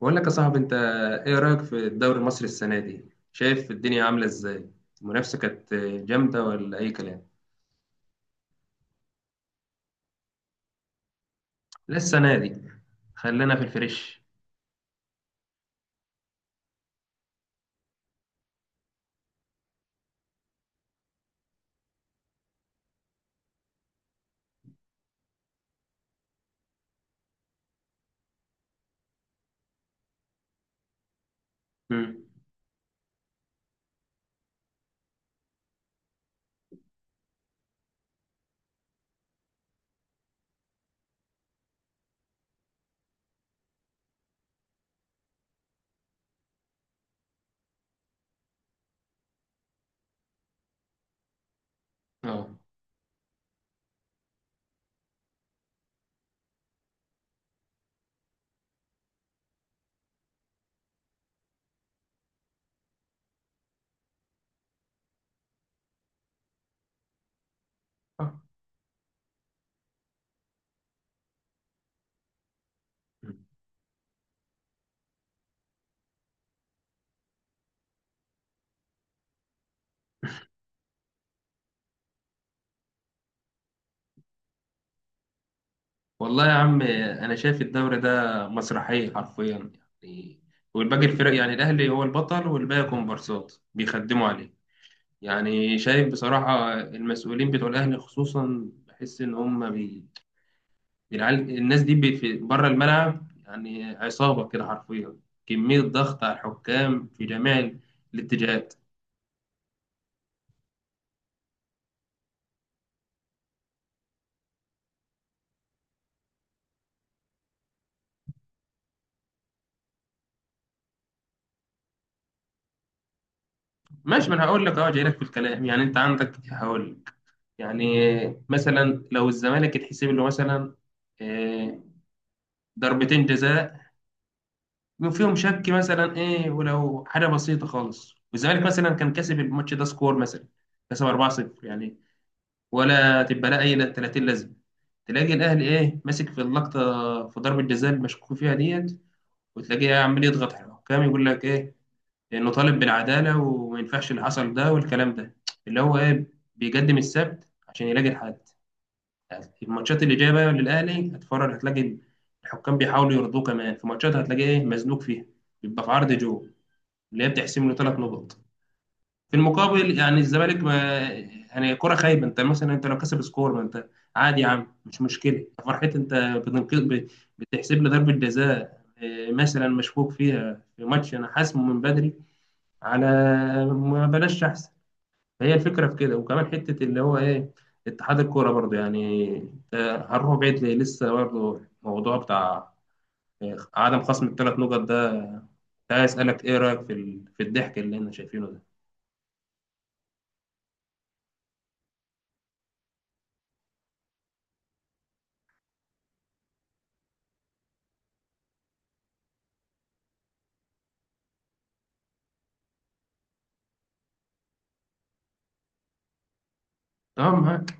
بقول لك يا صاحبي انت، ايه رايك في الدوري المصري السنه دي؟ شايف الدنيا عامله ازاي؟ المنافسه كانت جامده ولا اي كلام؟ لا، السنه دي. خلينا في الفريش. امم. اه. آه. مم. والله يا عم، انا شايف الدوري ده مسرحيه حرفيا يعني، والباقي الفرق، يعني الاهلي هو البطل والباقي كومبارسات بيخدموا عليه. يعني شايف بصراحه المسؤولين بتوع الاهلي خصوصا، بحس ان هم العيال الناس دي في بره الملعب يعني عصابة كده حرفيا. كمية ضغط على الحكام في جميع الاتجاهات. ماشي، ما انا هقول لك، جاي لك في الكلام يعني، انت عندك، هقول لك. يعني مثلا لو الزمالك يتحسب له مثلا آه، ضربتين جزاء، يبقى فيهم شك مثلا ايه، ولو حاجة بسيطة خالص، والزمالك مثلا كان كسب الماتش ده سكور، مثلا كسب 4-0 يعني، ولا تبقى لها اي 30 لازمه، تلاقي الاهلي ايه ماسك في اللقطه في ضربه جزاء المشكوك فيها ديت، وتلاقيه عمال يضغط على الحكام، يقول لك ايه، انه طالب بالعداله وما ينفعش اللي حصل ده، والكلام ده اللي هو ايه، بيقدم السبت عشان يلاقي الحد. الماتشات اللي جايه بقى للاهلي هتفرج، هتلاقي الحكام بيحاولوا يرضوه، كمان في ماتشات هتلاقيه ايه مزنوق فيها، بيبقى في عرض جو، اللي هي بتحسم له 3 نقط. في المقابل يعني الزمالك ما، يعني كرة خايبة، انت مثلا انت لو كسب سكور ما انت عادي يا عم، مش مشكلة، فرحت، انت بتنقذ بتحسب لي ضربة جزاء مثلا مشكوك فيها في ماتش انا حاسمه من بدري، على ما بلاش احسن. هي الفكرة في كده، وكمان حتة اللي هو ايه، اتحاد الكورة برضه، يعني انت هنروح بعيد ليه، لسه برضه الموضوع بتاع اه، عدم خصم الـ3 نقط ده. عايز اسألك ايه رأيك في في الضحك اللي احنا شايفينه ده؟ تمام، معاك.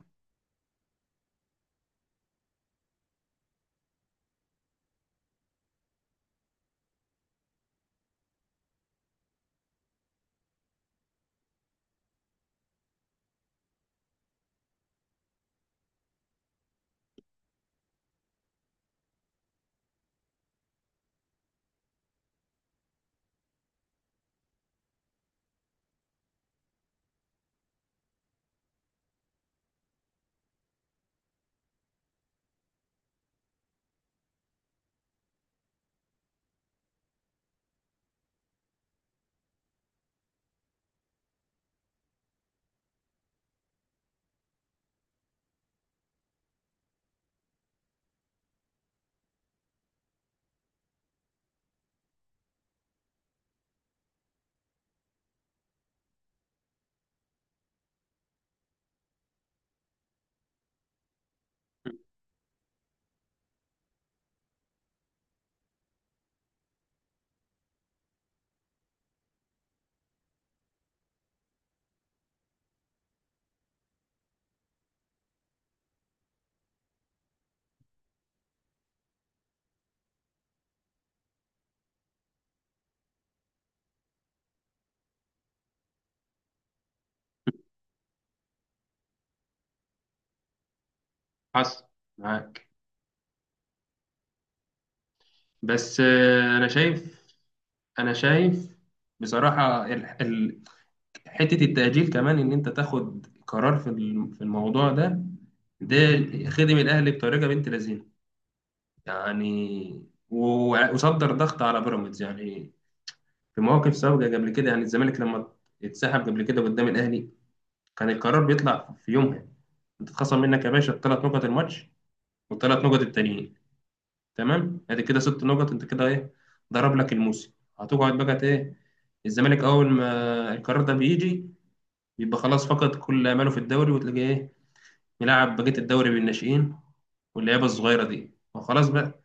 حصل، معاك. بس انا شايف بصراحه، حته التاجيل كمان، ان انت تاخد قرار في في الموضوع ده، ده خدم الاهلي بطريقه بنت لذينه يعني، وصدر ضغط على بيراميدز يعني. في مواقف سابقه قبل كده، يعني الزمالك لما اتسحب قبل كده قدام الاهلي، كان القرار بيطلع في يومها، انت اتخصم منك يا باشا الثلاث نقط الماتش، والثلاث نقط التانيين. تمام، ادي كده 6 نقط، انت كده ايه، ضرب لك الموسم. هتقعد بقى ايه، الزمالك اول ما القرار ده بيجي، بيبقى خلاص، فقد كل اماله في الدوري، وتلاقيه ايه ملاعب بقيه الدوري بالناشئين واللعيبه الصغيره دي، وخلاص بقى.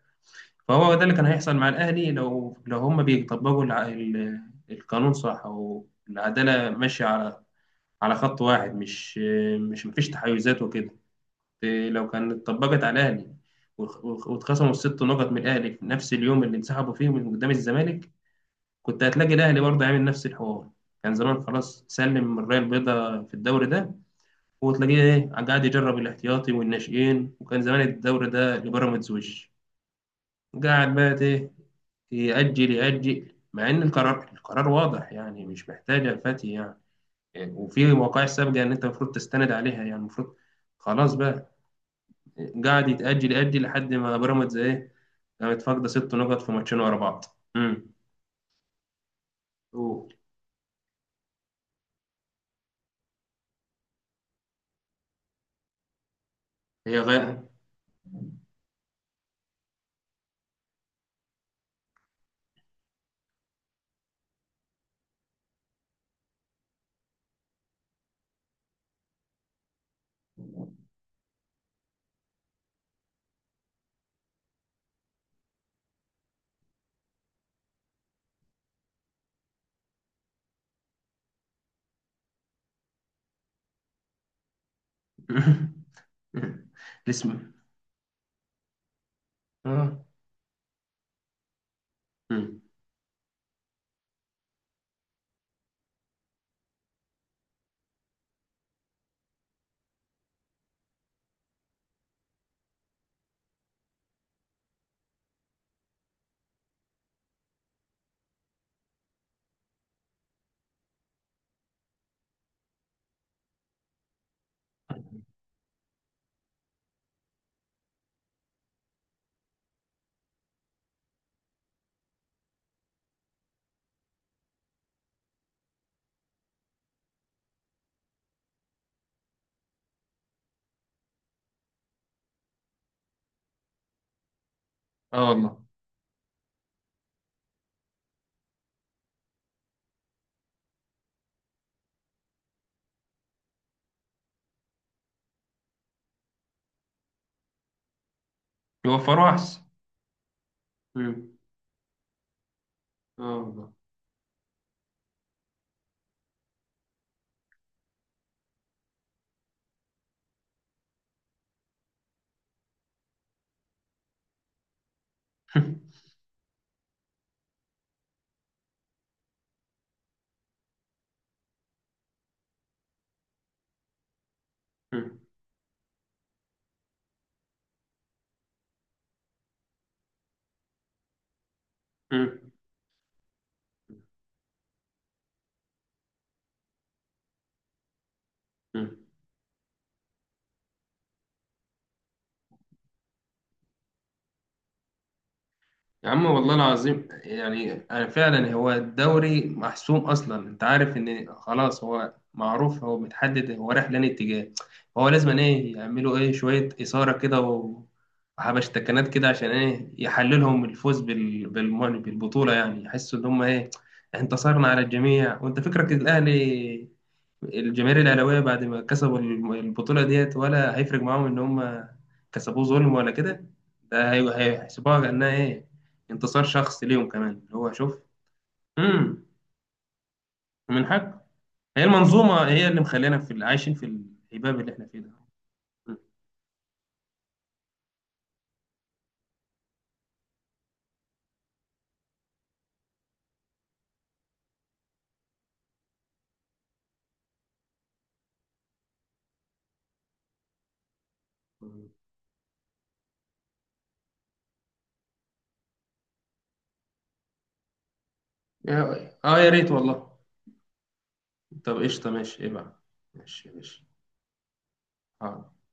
فهو ده اللي كان هيحصل مع الاهلي، لو هم بيطبقوا القانون صح، او العداله ماشيه على خط واحد، مش مفيش تحيزات وكده. لو كانت اتطبقت على الاهلي واتخصموا الـ6 نقط من الاهلي في نفس اليوم اللي انسحبوا فيه من قدام الزمالك، كنت هتلاقي الاهلي برضه عامل نفس الحوار، كان زمان خلاص سلم من الرايه البيضاء في الدوري ده، وتلاقيه ايه قاعد يجرب الاحتياطي والناشئين، وكان زمان الدوري ده لبيراميدز وش. قاعد بقى ايه، يأجل يأجل، مع ان القرار القرار واضح يعني، مش محتاجه الفتي يعني. وفي وقائع سابقه ان انت المفروض تستند عليها يعني، المفروض خلاص بقى، قاعد يتأجل يأجل لحد ما بيراميدز إيه، كانت فاقدة 6 نقط في ماتشين ورا بعض. امم. أوه. هي غير. الاسم. اه. امم. اه، والله. يوفروا أحسن. امم. اه، والله. امم. امم. امم. يا عم، والله العظيم يعني، أنا فعلا هو الدوري محسوم اصلا، انت عارف ان خلاص، هو معروف، هو متحدد، هو رايح لأنهي اتجاه، فهو لازم ايه، يعملوا ايه شوية إثارة كده وحبشتكنات كده عشان ايه يحللهم الفوز بالبطولة يعني، يحسوا ان هم ايه انتصرنا على الجميع. وانت فكرك الاهلي، الجماهير الاهلاويه بعد ما كسبوا البطوله ديت، ولا هيفرق معاهم ان هم كسبوه ظلم ولا كده؟ ده هيحسبوها كانها ايه انتصار شخصي ليهم كمان، اللي هو شوف. امم. من حق. هي المنظومه هي اللي مخلينا في عايشين في الهباب اللي احنا فيه ده. مم. يا ريت والله. طب قشطه، ماشي ايه بقى. ماشي، ماشي. آه.